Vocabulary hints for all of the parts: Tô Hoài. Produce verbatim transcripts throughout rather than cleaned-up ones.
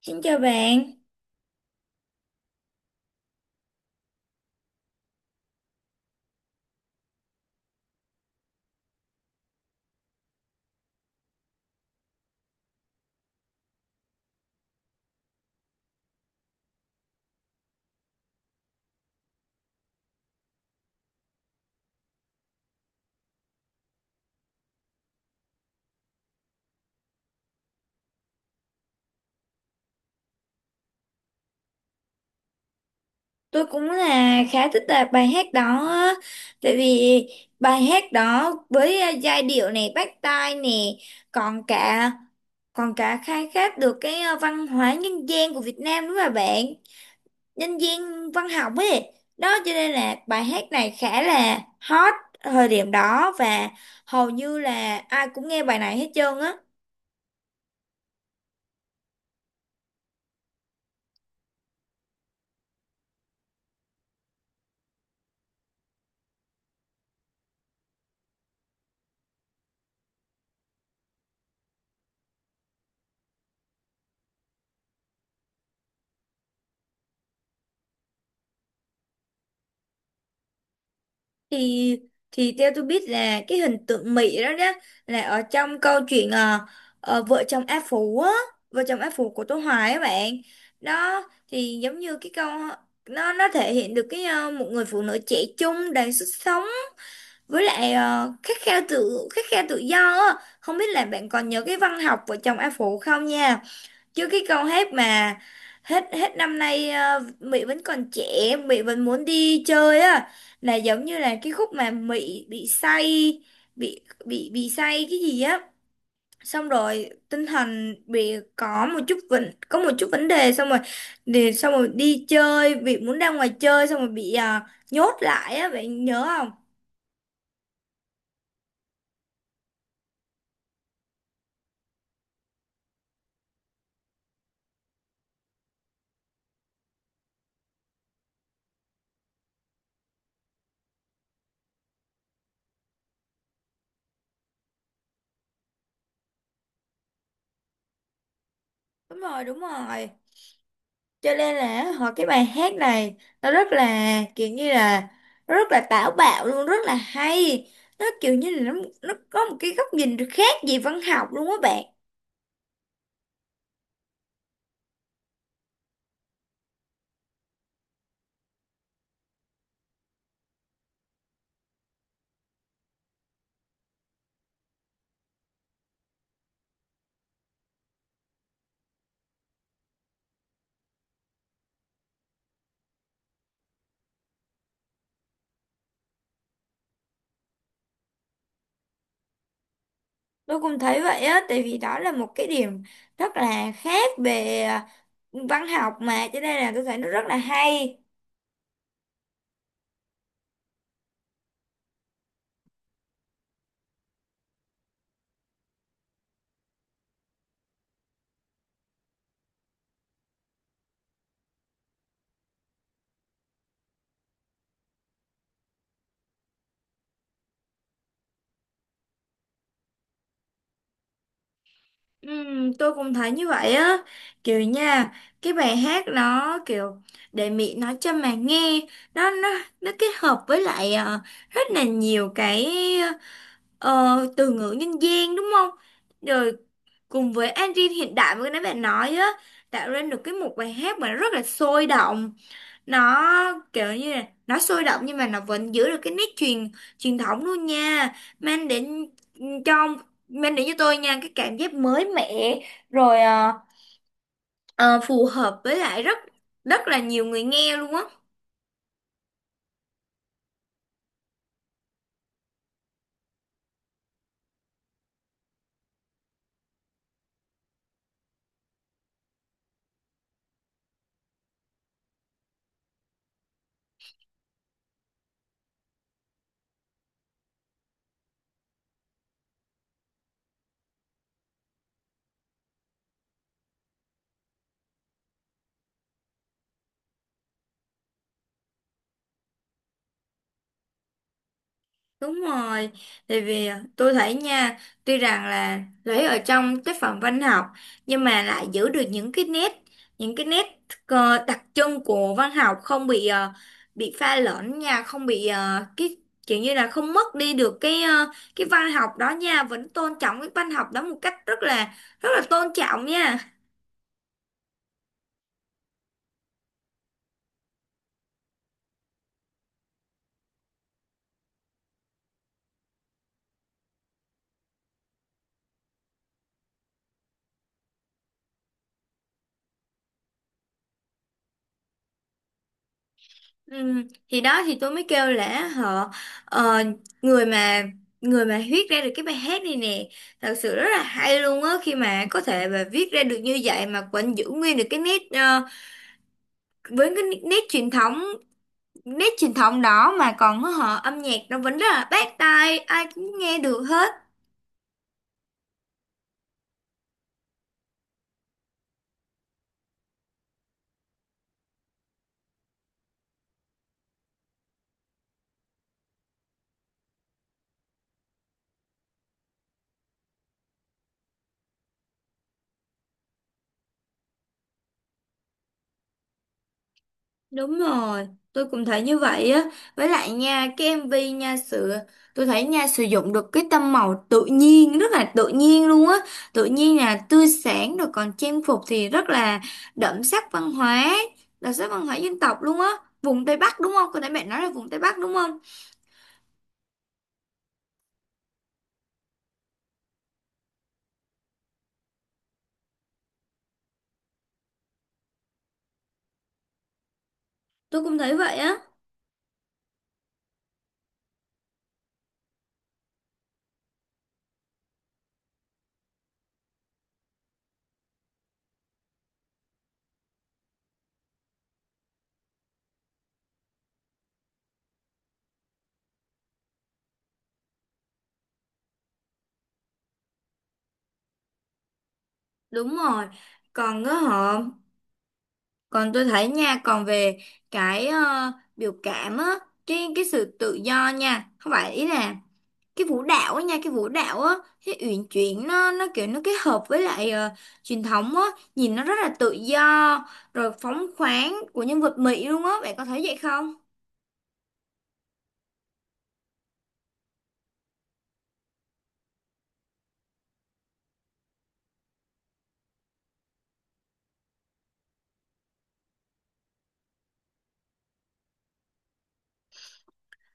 Xin chào bạn, tôi cũng là khá thích là bài hát đó á. Tại vì bài hát đó với à, giai điệu này bắt tai nè, còn cả còn cả khai thác được cái à, văn hóa nhân gian của Việt Nam đúng không bạn? Nhân gian văn học ấy. Đó cho nên là bài hát này khá là hot thời điểm đó và hầu như là ai cũng nghe bài này hết trơn á. thì thì theo tôi biết là cái hình tượng Mỹ đó đó là ở trong câu chuyện ờ, ờ, vợ chồng A Phú á, vợ chồng A Phú của Tô Hoài á bạn. Đó thì giống như cái câu, nó nó thể hiện được cái ờ, một người phụ nữ trẻ trung đầy sức sống với lại ờ, khát khao tự, khát khao tự do á. Không biết là bạn còn nhớ cái văn học vợ chồng A Phú không nha. Chứ cái câu hát mà hết hết năm nay ờ, Mỹ vẫn còn trẻ Mỹ vẫn muốn đi chơi á là giống như là cái khúc mà Mỹ bị say, bị bị bị say cái gì á, xong rồi tinh thần bị có một chút vấn, có một chút vấn đề, xong rồi để xong rồi đi chơi bị muốn ra ngoài chơi xong rồi bị à, nhốt lại á bạn nhớ không. Đúng rồi, đúng rồi, cho nên là họ cái bài hát này nó rất là kiểu như là nó rất là táo bạo luôn, rất là hay. Nó kiểu như là nó, nó có một cái góc nhìn khác về văn học luôn á bạn. Tôi cũng thấy vậy á tại vì đó là một cái điểm rất là khác về à, văn học mà cho nên là tôi thấy nó rất là hay. Ừm, tôi cũng thấy như vậy á, kiểu nha, cái bài hát nó kiểu để Mỹ nói cho mà nghe, nó nó nó kết hợp với lại à, rất là nhiều cái Ờ, từ ngữ nhân gian đúng không? Rồi cùng với engine hiện đại mà cái nãy bạn nói á, tạo nên được cái một bài hát mà rất là sôi động. Nó kiểu như là nó sôi động nhưng mà nó vẫn giữ được cái nét truyền, truyền thống luôn nha, mang đến, ừ, cho, mang đến cho tôi nha cái cảm giác mới mẻ rồi ờ, ờ, phù hợp với lại rất rất là nhiều người nghe luôn á. Đúng rồi, tại vì à, tôi thấy nha, tuy rằng là lấy ở trong tác phẩm văn học nhưng mà lại giữ được những cái nét, những cái nét ờ, đặc trưng của văn học không bị ờ, bị pha lẫn nha, không bị ờ, cái kiểu như là không mất đi được cái ờ, cái văn học đó nha, vẫn tôn trọng cái văn học đó một cách rất là, rất là tôn trọng nha. Ừ, thì đó thì tôi mới kêu là họ ờ, người mà người mà viết ra được cái bài hát này nè thật sự rất là hay luôn á khi mà có thể mà viết ra được như vậy mà vẫn giữ nguyên được cái nét ờ, với cái nét truyền thống, nét truyền thống đó mà còn họ âm nhạc nó vẫn rất là bắt tai ai cũng nghe được hết. Đúng rồi, tôi cũng thấy như vậy á. Với lại nha, cái em vê nha sự, tôi thấy nha sử dụng được cái tông màu tự nhiên, rất là tự nhiên luôn á. Tự nhiên là tươi sáng rồi còn trang phục thì rất là đậm sắc văn hóa, đậm sắc văn hóa dân tộc luôn á. Vùng Tây Bắc đúng không? Có nãy bạn nói là vùng Tây Bắc đúng không? Tôi cũng thấy vậy á. Đúng rồi. Còn á họ, còn tôi thấy nha, còn về cái ờ, biểu cảm á, cái cái sự tự do nha. Không phải ý là cái vũ đạo á nha, cái vũ đạo á, cái uyển chuyển nó nó kiểu nó kết hợp với lại ờ, truyền thống á nhìn nó rất là tự do rồi phóng khoáng của nhân vật Mỹ luôn á bạn có thấy vậy không.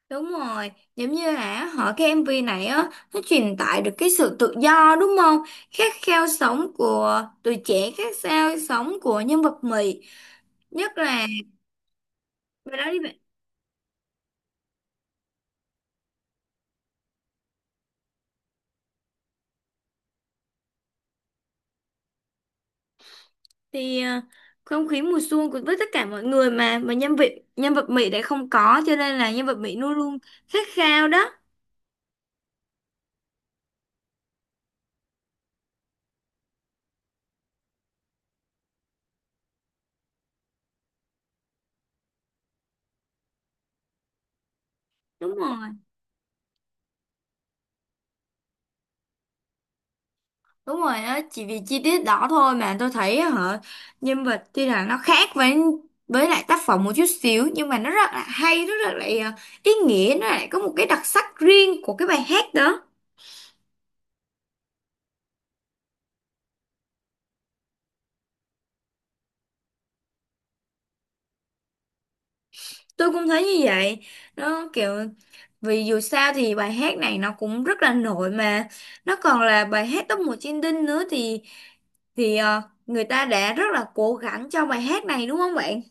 Đúng rồi, giống như là họ cái em vê này á nó truyền tải được cái sự tự do đúng không, khát khao sống của tuổi trẻ, khát khao sống của nhân vật Mỹ nhất là. Và đó đi thì ờ, không khí mùa xuân của với tất cả mọi người mà mà nhân vật, nhân vật Mỹ đã không có cho nên là nhân vật Mỹ luôn luôn khát khao đó. Đúng rồi, đúng rồi, đó chỉ vì chi tiết đó thôi mà tôi thấy hả. Nhân vật tuy là nó khác với với lại tác phẩm một chút xíu nhưng mà nó rất là hay, rất là lại ờ, ý nghĩa, nó lại có một cái đặc sắc riêng của cái bài hát đó. Tôi cũng thấy như vậy, nó kiểu vì dù sao thì bài hát này nó cũng rất là nổi mà, nó còn là bài hát top một trên Đinh nữa thì, thì ờ, người ta đã rất là cố gắng cho bài hát này đúng không bạn?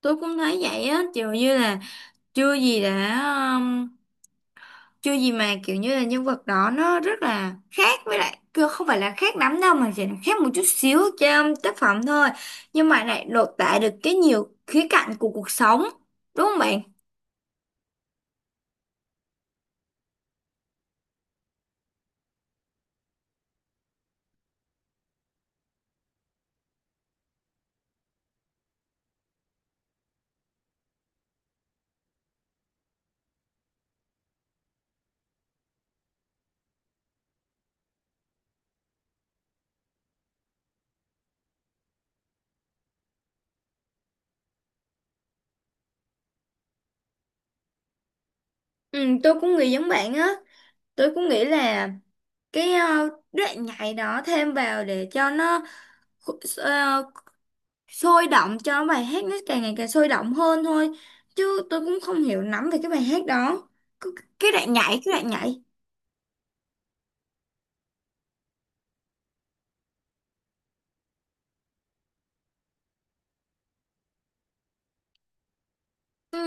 Tôi cũng thấy vậy á, kiểu như là chưa gì đã, um, chưa gì mà kiểu như là nhân vật đó nó rất là khác với lại cứ không phải là khác lắm đâu mà chỉ là khác một chút xíu trong tác phẩm thôi. Nhưng mà lại lột tả được cái nhiều khía cạnh của cuộc sống, đúng không bạn? Ừ, tôi cũng nghĩ giống bạn á. Tôi cũng nghĩ là cái ờ, đoạn nhảy đó thêm vào để cho nó sôi động, cho bài hát nó càng ngày càng sôi động hơn thôi chứ tôi cũng không hiểu lắm về cái bài hát đó. Cứ- cái đoạn nhảy, cái đoạn nhảy Ừ.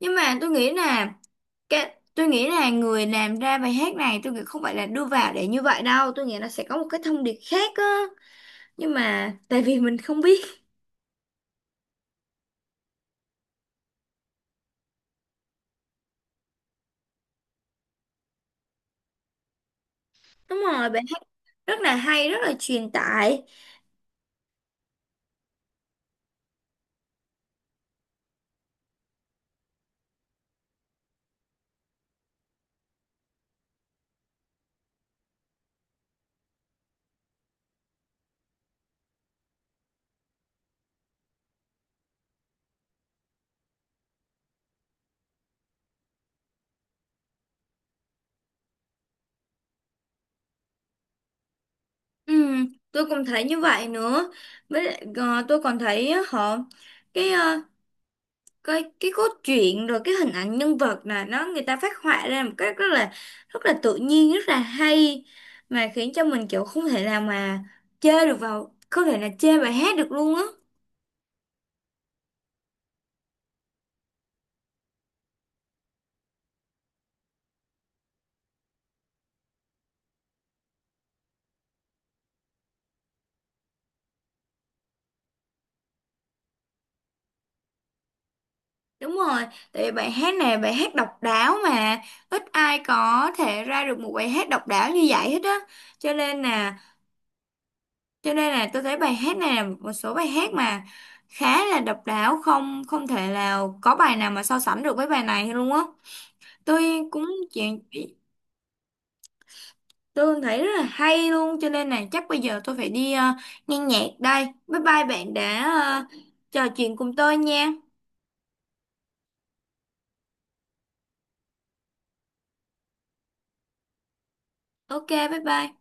Nhưng mà tôi nghĩ là, cái tôi nghĩ là người làm ra bài hát này, tôi nghĩ không phải là đưa vào để như vậy đâu, tôi nghĩ nó sẽ có một cái thông điệp khác á nhưng mà tại vì mình không biết. Đúng rồi, bài hát rất là hay, rất là truyền tải. Ừ, tôi cũng thấy như vậy nữa, với lại ờ, tôi còn thấy á, họ cái ờ, cái cái cốt truyện rồi cái hình ảnh nhân vật là nó người ta phát họa ra một cách rất là, rất là tự nhiên, rất là hay mà khiến cho mình kiểu không thể nào mà chê được vào, không thể là chê bài hát được luôn á. Đúng rồi, tại vì bài hát này là bài hát độc đáo mà ít ai có thể ra được một bài hát độc đáo như vậy hết á. Cho nên là cho nên là tôi thấy bài hát này là một số bài hát mà khá là độc đáo, không, không thể nào có bài nào mà so sánh được với bài này luôn á. Tôi cũng chuyện. Tôi thấy rất là hay luôn cho nên là chắc bây giờ tôi phải đi ờ, nghe nhạc đây. Bye bye, bạn đã ờ, trò chuyện cùng tôi nha. Ok, bye bye.